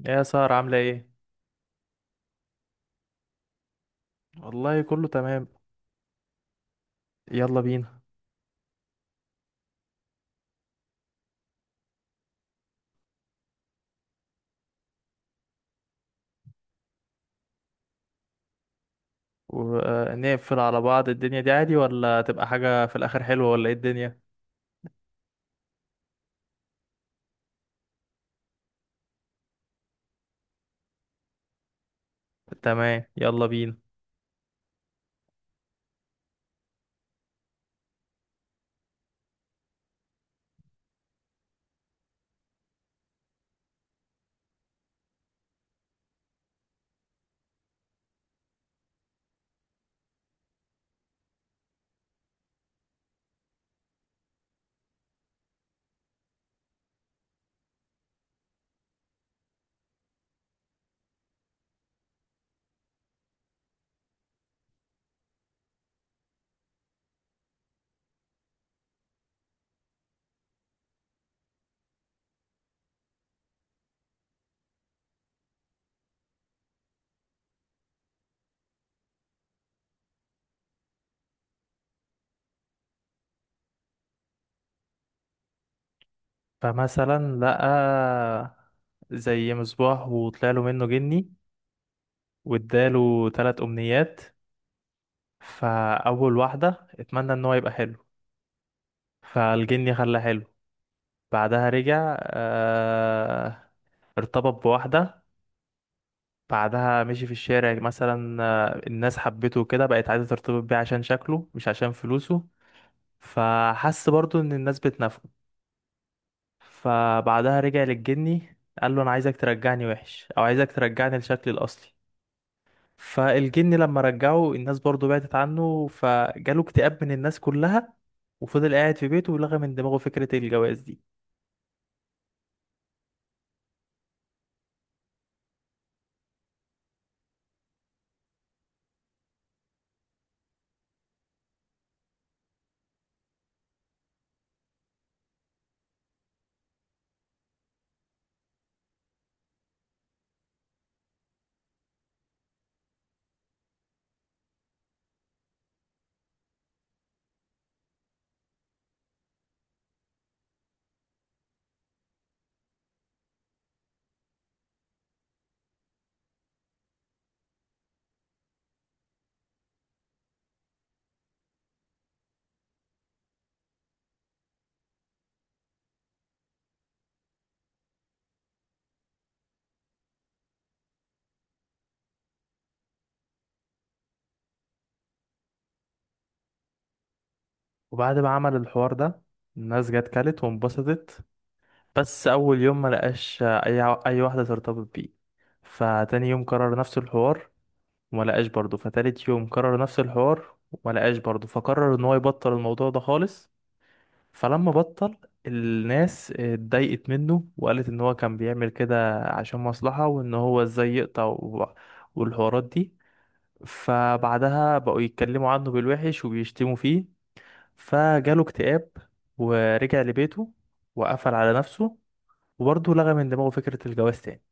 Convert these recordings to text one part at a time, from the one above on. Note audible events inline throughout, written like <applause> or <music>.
يا سارة عاملة ايه؟ والله كله تمام. يلا بينا. ونقفل على بعض الدنيا دي عادي، ولا تبقى حاجة في الآخر حلوة، ولا ايه الدنيا؟ تمام، يلا بينا. فمثلا لقى زي مصباح وطلع له منه جني واداله تلات أمنيات. فأول واحدة اتمنى ان هو يبقى حلو، فالجني خلاه حلو. بعدها رجع ارتبط بواحدة. بعدها مشي في الشارع مثلا، الناس حبته وكده، بقت عايزة ترتبط بيه عشان شكله مش عشان فلوسه. فحس برضو ان الناس بتنافقه. فبعدها رجع للجني، قال له انا عايزك ترجعني وحش او عايزك ترجعني لشكلي الاصلي. فالجني لما رجعه الناس برضو بعدت عنه، فجاله اكتئاب من الناس كلها. وفضل قاعد في بيته، ولغى من دماغه فكرة الجواز دي. وبعد ما عمل الحوار ده، الناس جت كلت وانبسطت. بس اول يوم ما لقاش اي واحده ترتبط بيه. فتاني يوم كرر نفس الحوار وما لقاش برضه. فتالت يوم كرر نفس الحوار وما لقاش برضه. فقرر ان هو يبطل الموضوع ده خالص. فلما بطل، الناس اتضايقت منه وقالت ان هو كان بيعمل كده عشان مصلحه، وان هو ازاي يقطع والحوارات دي. فبعدها بقوا يتكلموا عنه بالوحش وبيشتموا فيه، فجاله اكتئاب، ورجع لبيته وقفل على نفسه، وبرضه لغى من دماغه فكرة الجواز تاني.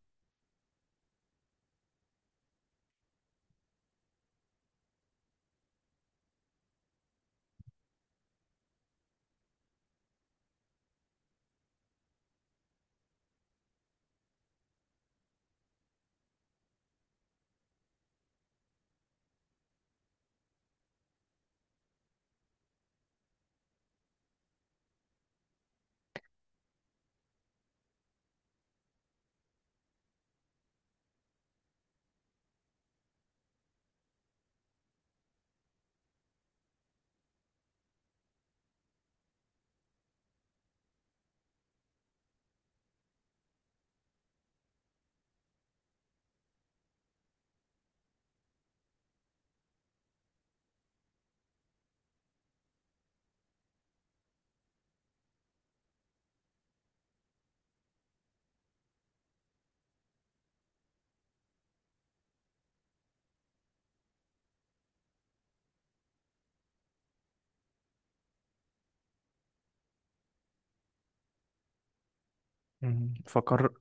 مم.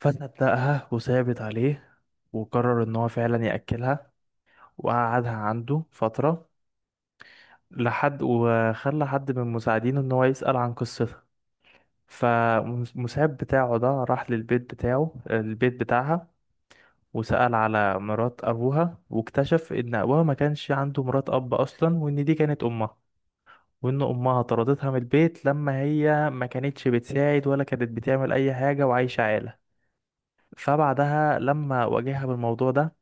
فصدقها وثابت عليه، وقرر ان هو فعلا يأكلها، وقعدها عنده فترة لحد وخلى حد من مساعدينه ان هو يسأل عن قصتها. فالمساعد بتاعه ده راح للبيت بتاعه البيت بتاعها، وسأل على مرات أبوها، واكتشف إن أبوها ما كانش عنده مرات أب أصلا، وإن دي كانت أمها. وإن أمها طردتها من البيت لما هي ما كانتش بتساعد ولا كانت بتعمل أي حاجة، وعايشة عالة. فبعدها لما واجهها بالموضوع ده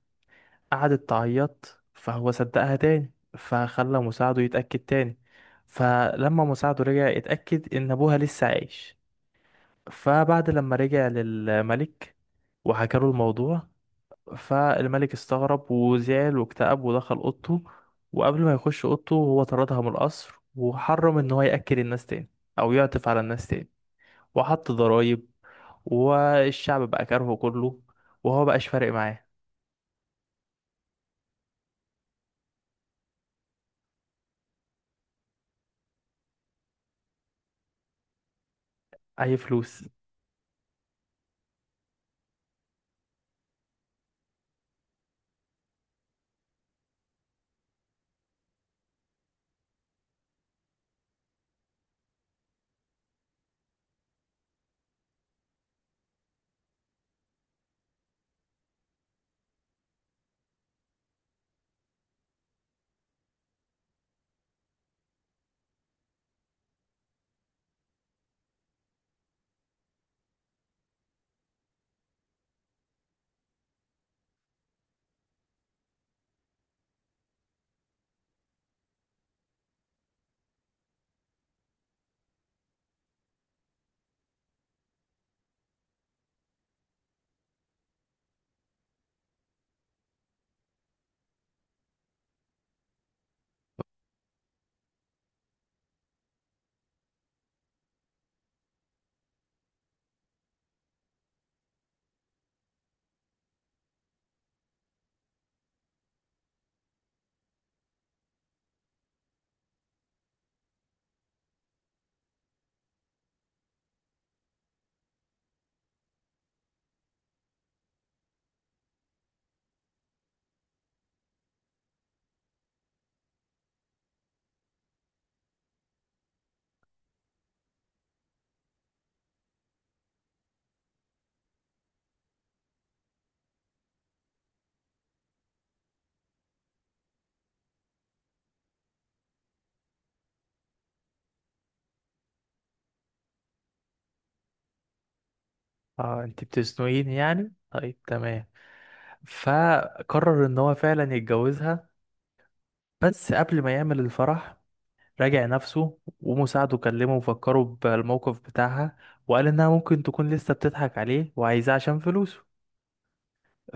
قعدت تعيط، فهو صدقها تاني. فخلى مساعده يتأكد تاني. فلما مساعده رجع يتأكد إن أبوها لسه عايش، فبعد لما رجع للملك وحكى له الموضوع، فالملك استغرب وزعل واكتئب ودخل أوضته. وقبل ما يخش أوضته هو طردها من القصر، وحرم إن هو يأكل الناس تاني أو يعطف على الناس تاني، وحط ضرايب، والشعب بقى كارهه كله، وهو بقاش فارق معاه اي فلوس. اه، انت بتزنقيني يعني، طيب تمام. فقرر ان هو فعلا يتجوزها. بس قبل ما يعمل الفرح، راجع نفسه، ومساعده كلمه وفكره بالموقف بتاعها، وقال انها ممكن تكون لسه بتضحك عليه وعايزاه عشان فلوسه.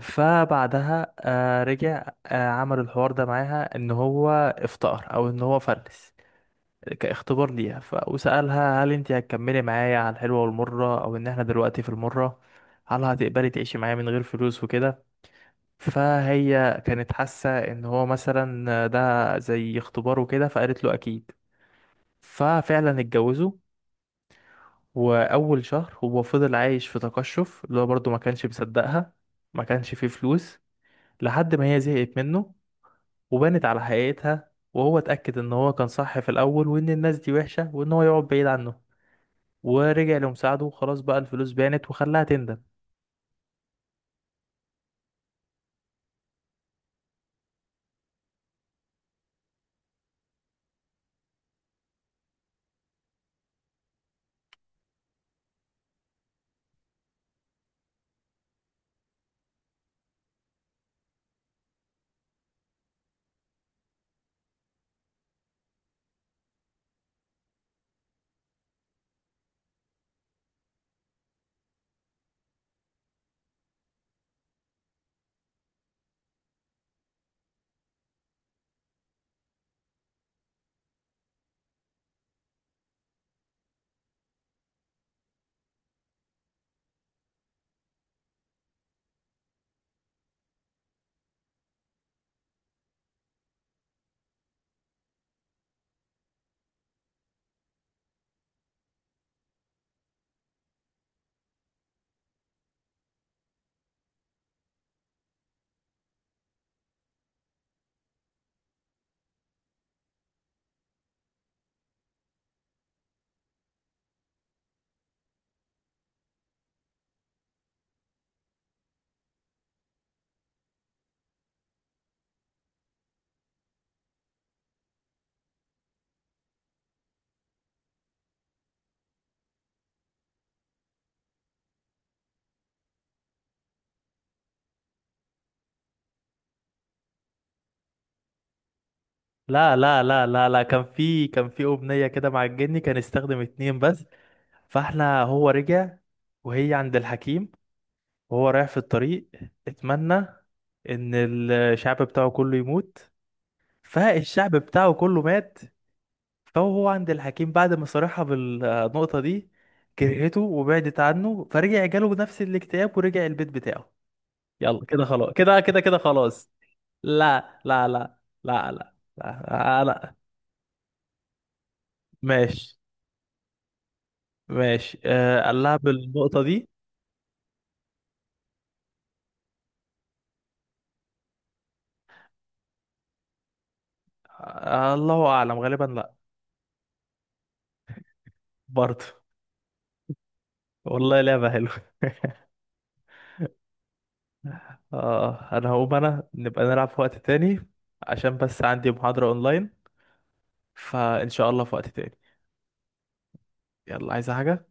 فبعدها رجع عمل الحوار ده معاها ان هو افتقر او ان هو فلس، كاختبار ليها. وسألها هل انت هتكملي معايا على الحلوة والمرة، او ان احنا دلوقتي في المرة هل هتقبلي تعيشي معايا من غير فلوس وكده. فهي كانت حاسة ان هو مثلا ده زي اختبار وكده، فقالت له اكيد. ففعلا اتجوزوا. واول شهر هو فضل عايش في تقشف، اللي هو برضه ما كانش مصدقها ما كانش فيه فلوس، لحد ما هي زهقت منه وبانت على حقيقتها. وهو اتأكد ان هو كان صح في الاول، وان الناس دي وحشة، وان هو يقعد بعيد عنه. ورجع لمساعده، وخلاص بقى الفلوس بانت وخلاها تندم. لا لا لا لا لا، كان في أمنية كده مع الجني، كان استخدم اتنين بس. فاحنا هو رجع وهي عند الحكيم، وهو رايح في الطريق اتمنى ان الشعب بتاعه كله يموت، فالشعب بتاعه كله مات. فهو عند الحكيم بعد ما صارحها بالنقطة دي كرهته وبعدت عنه، فرجع جاله نفس الاكتئاب ورجع البيت بتاعه. يلا كده خلاص، كده كده كده خلاص. لا لا لا. لا لا لا انا. ماشي. ماشي، قال لها بالنقطة دي. الله اعلم غالبا لا. برضه. والله لعبة حلوة. <laughs> اه، انا هقوم، انا نبقى نلعب في وقت تاني عشان بس عندي محاضرة اونلاين. فان شاء الله في وقت تاني. يلا، عايزة حاجة؟